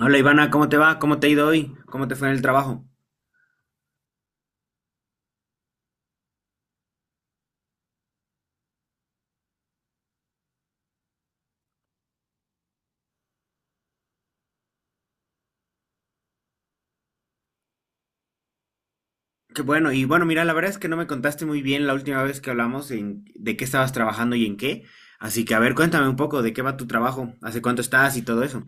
Hola Ivana, ¿cómo te va? ¿Cómo te ha ido hoy? ¿Cómo te fue en el trabajo? Qué bueno, y bueno, mira, la verdad es que no me contaste muy bien la última vez que hablamos en de qué estabas trabajando y en qué. Así que, a ver, cuéntame un poco de qué va tu trabajo, hace cuánto estás y todo eso.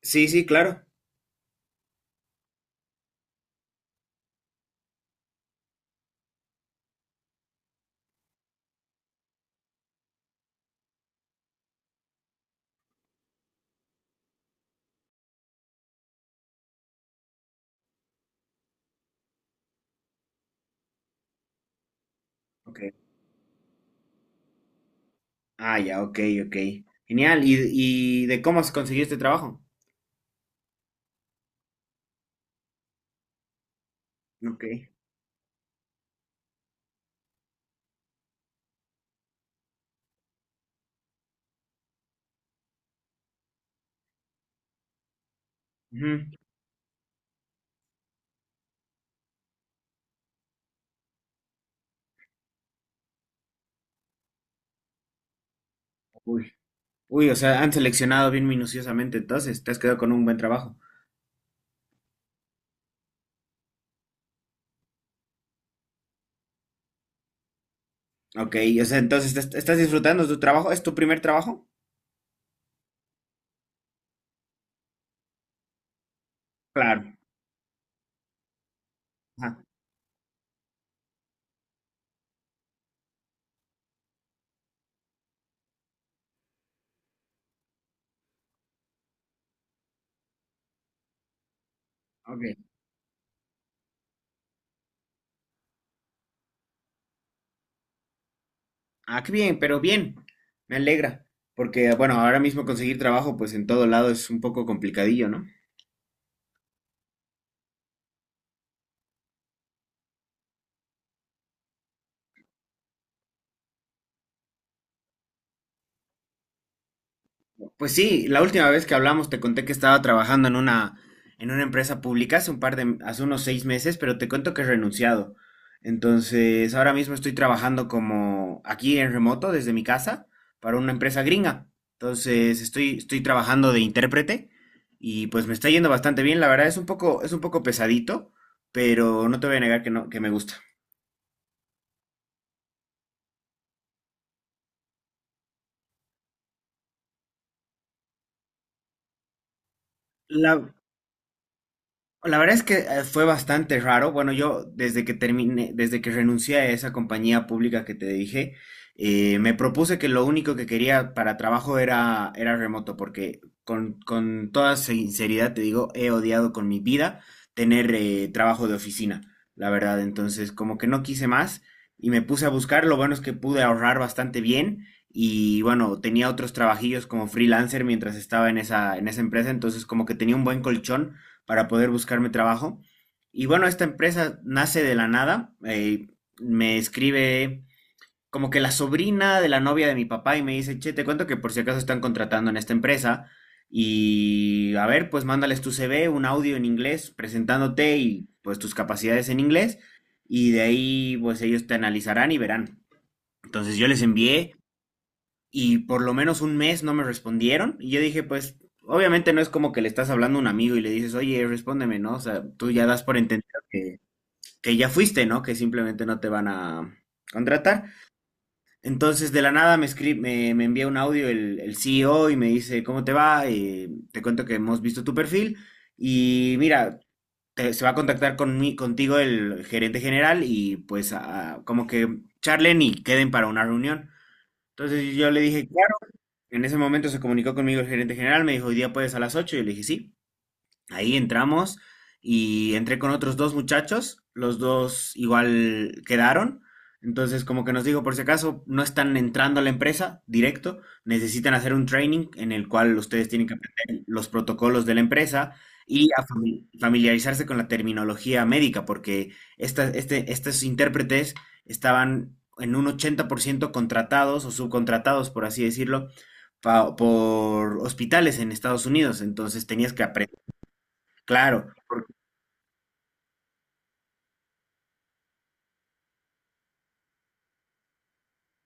Sí, sí, claro. Ok. Ah, ya, ok, ok. Genial. ¿Y de cómo has conseguido este trabajo? Ok. Ujú. Uy. Uy, o sea, han seleccionado bien minuciosamente, entonces, te has quedado con un buen trabajo. Ok, o sea, entonces, ¿estás disfrutando de tu trabajo? ¿Es tu primer trabajo? Claro. Ajá. Ok. Ah, qué bien, pero bien. Me alegra. Porque, bueno, ahora mismo conseguir trabajo, pues en todo lado es un poco complicadillo, ¿no? Pues sí, la última vez que hablamos te conté que estaba trabajando en una empresa pública hace unos 6 meses, pero te cuento que he renunciado. Entonces, ahora mismo estoy trabajando como aquí en remoto, desde mi casa, para una empresa gringa. Entonces, estoy trabajando de intérprete y pues me está yendo bastante bien. La verdad es un poco pesadito, pero no te voy a negar que no, que me gusta. La, la verdad es que fue bastante raro. Bueno, yo desde que renuncié a esa compañía pública que te dije, me propuse que lo único que quería para trabajo era remoto, porque con toda sinceridad te digo, he odiado con mi vida tener trabajo de oficina, la verdad. Entonces, como que no quise más y me puse a buscar. Lo bueno es que pude ahorrar bastante bien. Y bueno, tenía otros trabajillos como freelancer mientras estaba en esa empresa, entonces como que tenía un buen colchón para poder buscarme trabajo. Y bueno, esta empresa nace de la nada. Me escribe como que la sobrina de la novia de mi papá y me dice, che, te cuento que por si acaso están contratando en esta empresa. Y a ver, pues mándales tu CV, un audio en inglés, presentándote y pues tus capacidades en inglés. Y de ahí, pues ellos te analizarán y verán. Entonces yo les envié y por lo menos un mes no me respondieron. Y yo dije, pues, obviamente no es como que le estás hablando a un amigo y le dices, oye, respóndeme, ¿no? O sea, tú ya das por entendido que ya fuiste, ¿no? Que simplemente no te van a contratar. Entonces, de la nada me envía un audio el CEO y me dice, ¿cómo te va? Te cuento que hemos visto tu perfil y mira, se va a contactar contigo el gerente general y pues como que charlen y queden para una reunión. Entonces yo le dije, en ese momento se comunicó conmigo el gerente general, me dijo, ¿hoy día puedes a las 8? Yo le dije, sí. Ahí entramos y entré con otros dos muchachos, los dos igual quedaron. Entonces, como que nos digo, por si acaso no están entrando a la empresa directo, necesitan hacer un training en el cual ustedes tienen que aprender los protocolos de la empresa y a familiarizarse con la terminología médica, porque estos intérpretes estaban en un 80% contratados o subcontratados, por así decirlo, por hospitales en Estados Unidos. Entonces, tenías que aprender. Claro, porque,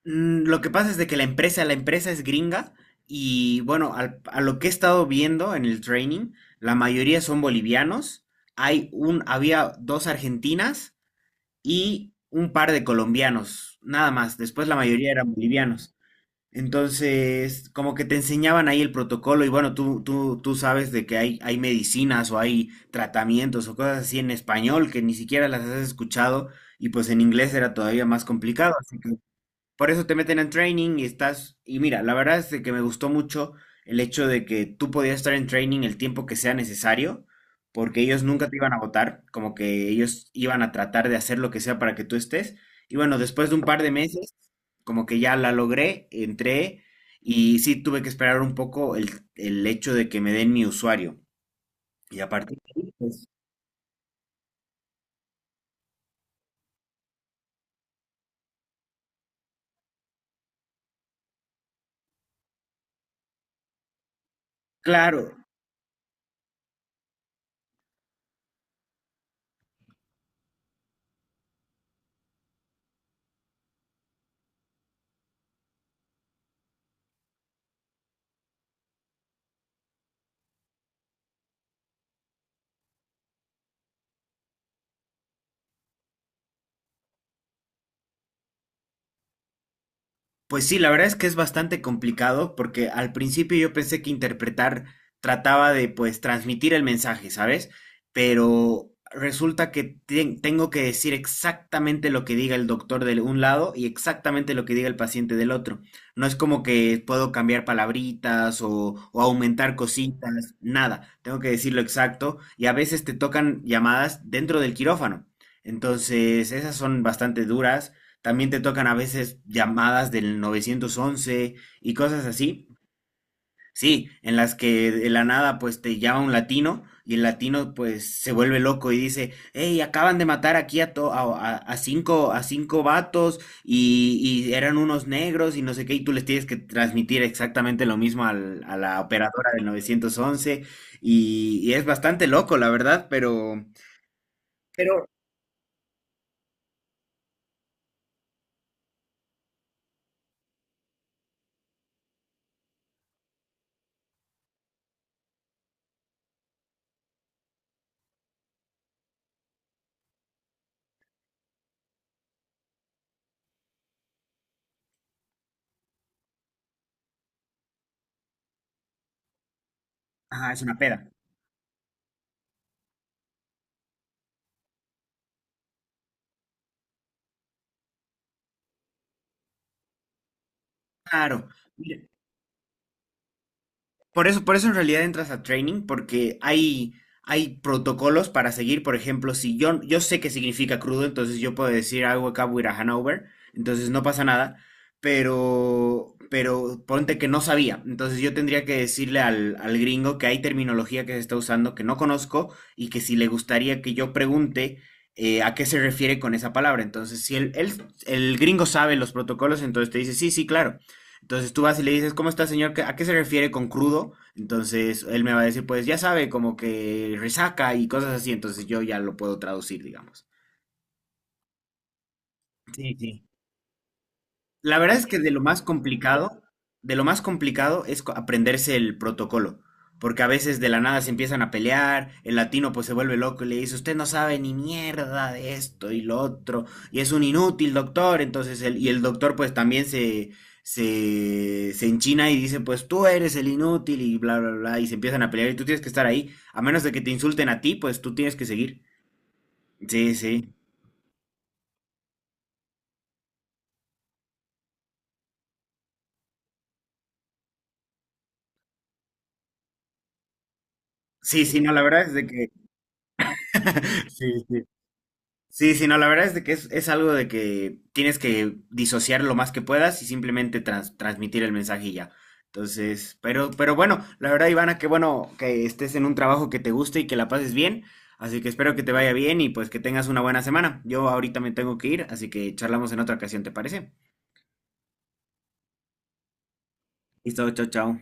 lo que pasa es de que la empresa es gringa y bueno, a lo que he estado viendo en el training, la mayoría son bolivianos. Había dos argentinas y un par de colombianos, nada más. Después la mayoría eran bolivianos. Entonces, como que te enseñaban ahí el protocolo y bueno, tú sabes de que hay medicinas o hay tratamientos o cosas así en español que ni siquiera las has escuchado y pues en inglés era todavía más complicado. Por eso te meten en training y estás... Y mira, la verdad es de que me gustó mucho el hecho de que tú podías estar en training el tiempo que sea necesario, porque ellos nunca te iban a votar, como que ellos iban a tratar de hacer lo que sea para que tú estés. Y bueno, después de un par de meses, como que ya la logré, entré y sí tuve que esperar un poco el hecho de que me den mi usuario. Y a partir de ahí, pues, claro. Pues sí, la verdad es que es bastante complicado porque al principio yo pensé que interpretar trataba de pues transmitir el mensaje, ¿sabes? Pero resulta que tengo que decir exactamente lo que diga el doctor de un lado y exactamente lo que diga el paciente del otro. No es como que puedo cambiar palabritas o aumentar cositas, nada. Tengo que decir lo exacto y a veces te tocan llamadas dentro del quirófano. Entonces, esas son bastante duras. También te tocan a veces llamadas del 911 y cosas así. Sí, en las que de la nada pues te llama un latino y el latino pues se vuelve loco y dice, hey, acaban de matar aquí a cinco a cinco vatos y eran unos negros y no sé qué, y tú les tienes que transmitir exactamente lo mismo a la operadora del 911 y es bastante loco, la verdad, pero... Pero... Ajá, es una peda. Claro. Por eso en realidad entras a training, porque hay protocolos para seguir. Por ejemplo, si yo sé qué significa crudo, entonces yo puedo decir algo acá with a Hanover, entonces no pasa nada. Pero ponte que no sabía. Entonces yo tendría que decirle al gringo que hay terminología que se está usando que no conozco y que si le gustaría que yo pregunte a qué se refiere con esa palabra. Entonces, si el gringo sabe los protocolos, entonces te dice, sí, sí, claro. Entonces tú vas y le dices, ¿cómo está, señor? ¿A qué se refiere con crudo? Entonces él me va a decir, pues ya sabe, como que resaca y cosas así. Entonces yo ya lo puedo traducir, digamos. Sí, sí. La verdad es que de lo más complicado es aprenderse el protocolo, porque a veces de la nada se empiezan a pelear, el latino pues se vuelve loco y le dice, usted no sabe ni mierda de esto y lo otro, y es un inútil doctor, y el doctor pues también se enchina y dice, pues tú eres el inútil y bla, bla, bla, y se empiezan a pelear y tú tienes que estar ahí, a menos de que te insulten a ti, pues tú tienes que seguir. Sí, sí. Sí, sí, no, la verdad es de que... Sí, sí. Sí, sí, no, la verdad es de que es algo de que tienes que disociar lo más que puedas y simplemente transmitir el mensaje y ya. Entonces, pero bueno, la verdad, Ivana, qué bueno que estés en un trabajo que te guste y que la pases bien. Así que espero que te vaya bien y pues que tengas una buena semana. Yo ahorita me tengo que ir, así que charlamos en otra ocasión, ¿te parece? Listo, chao, chao.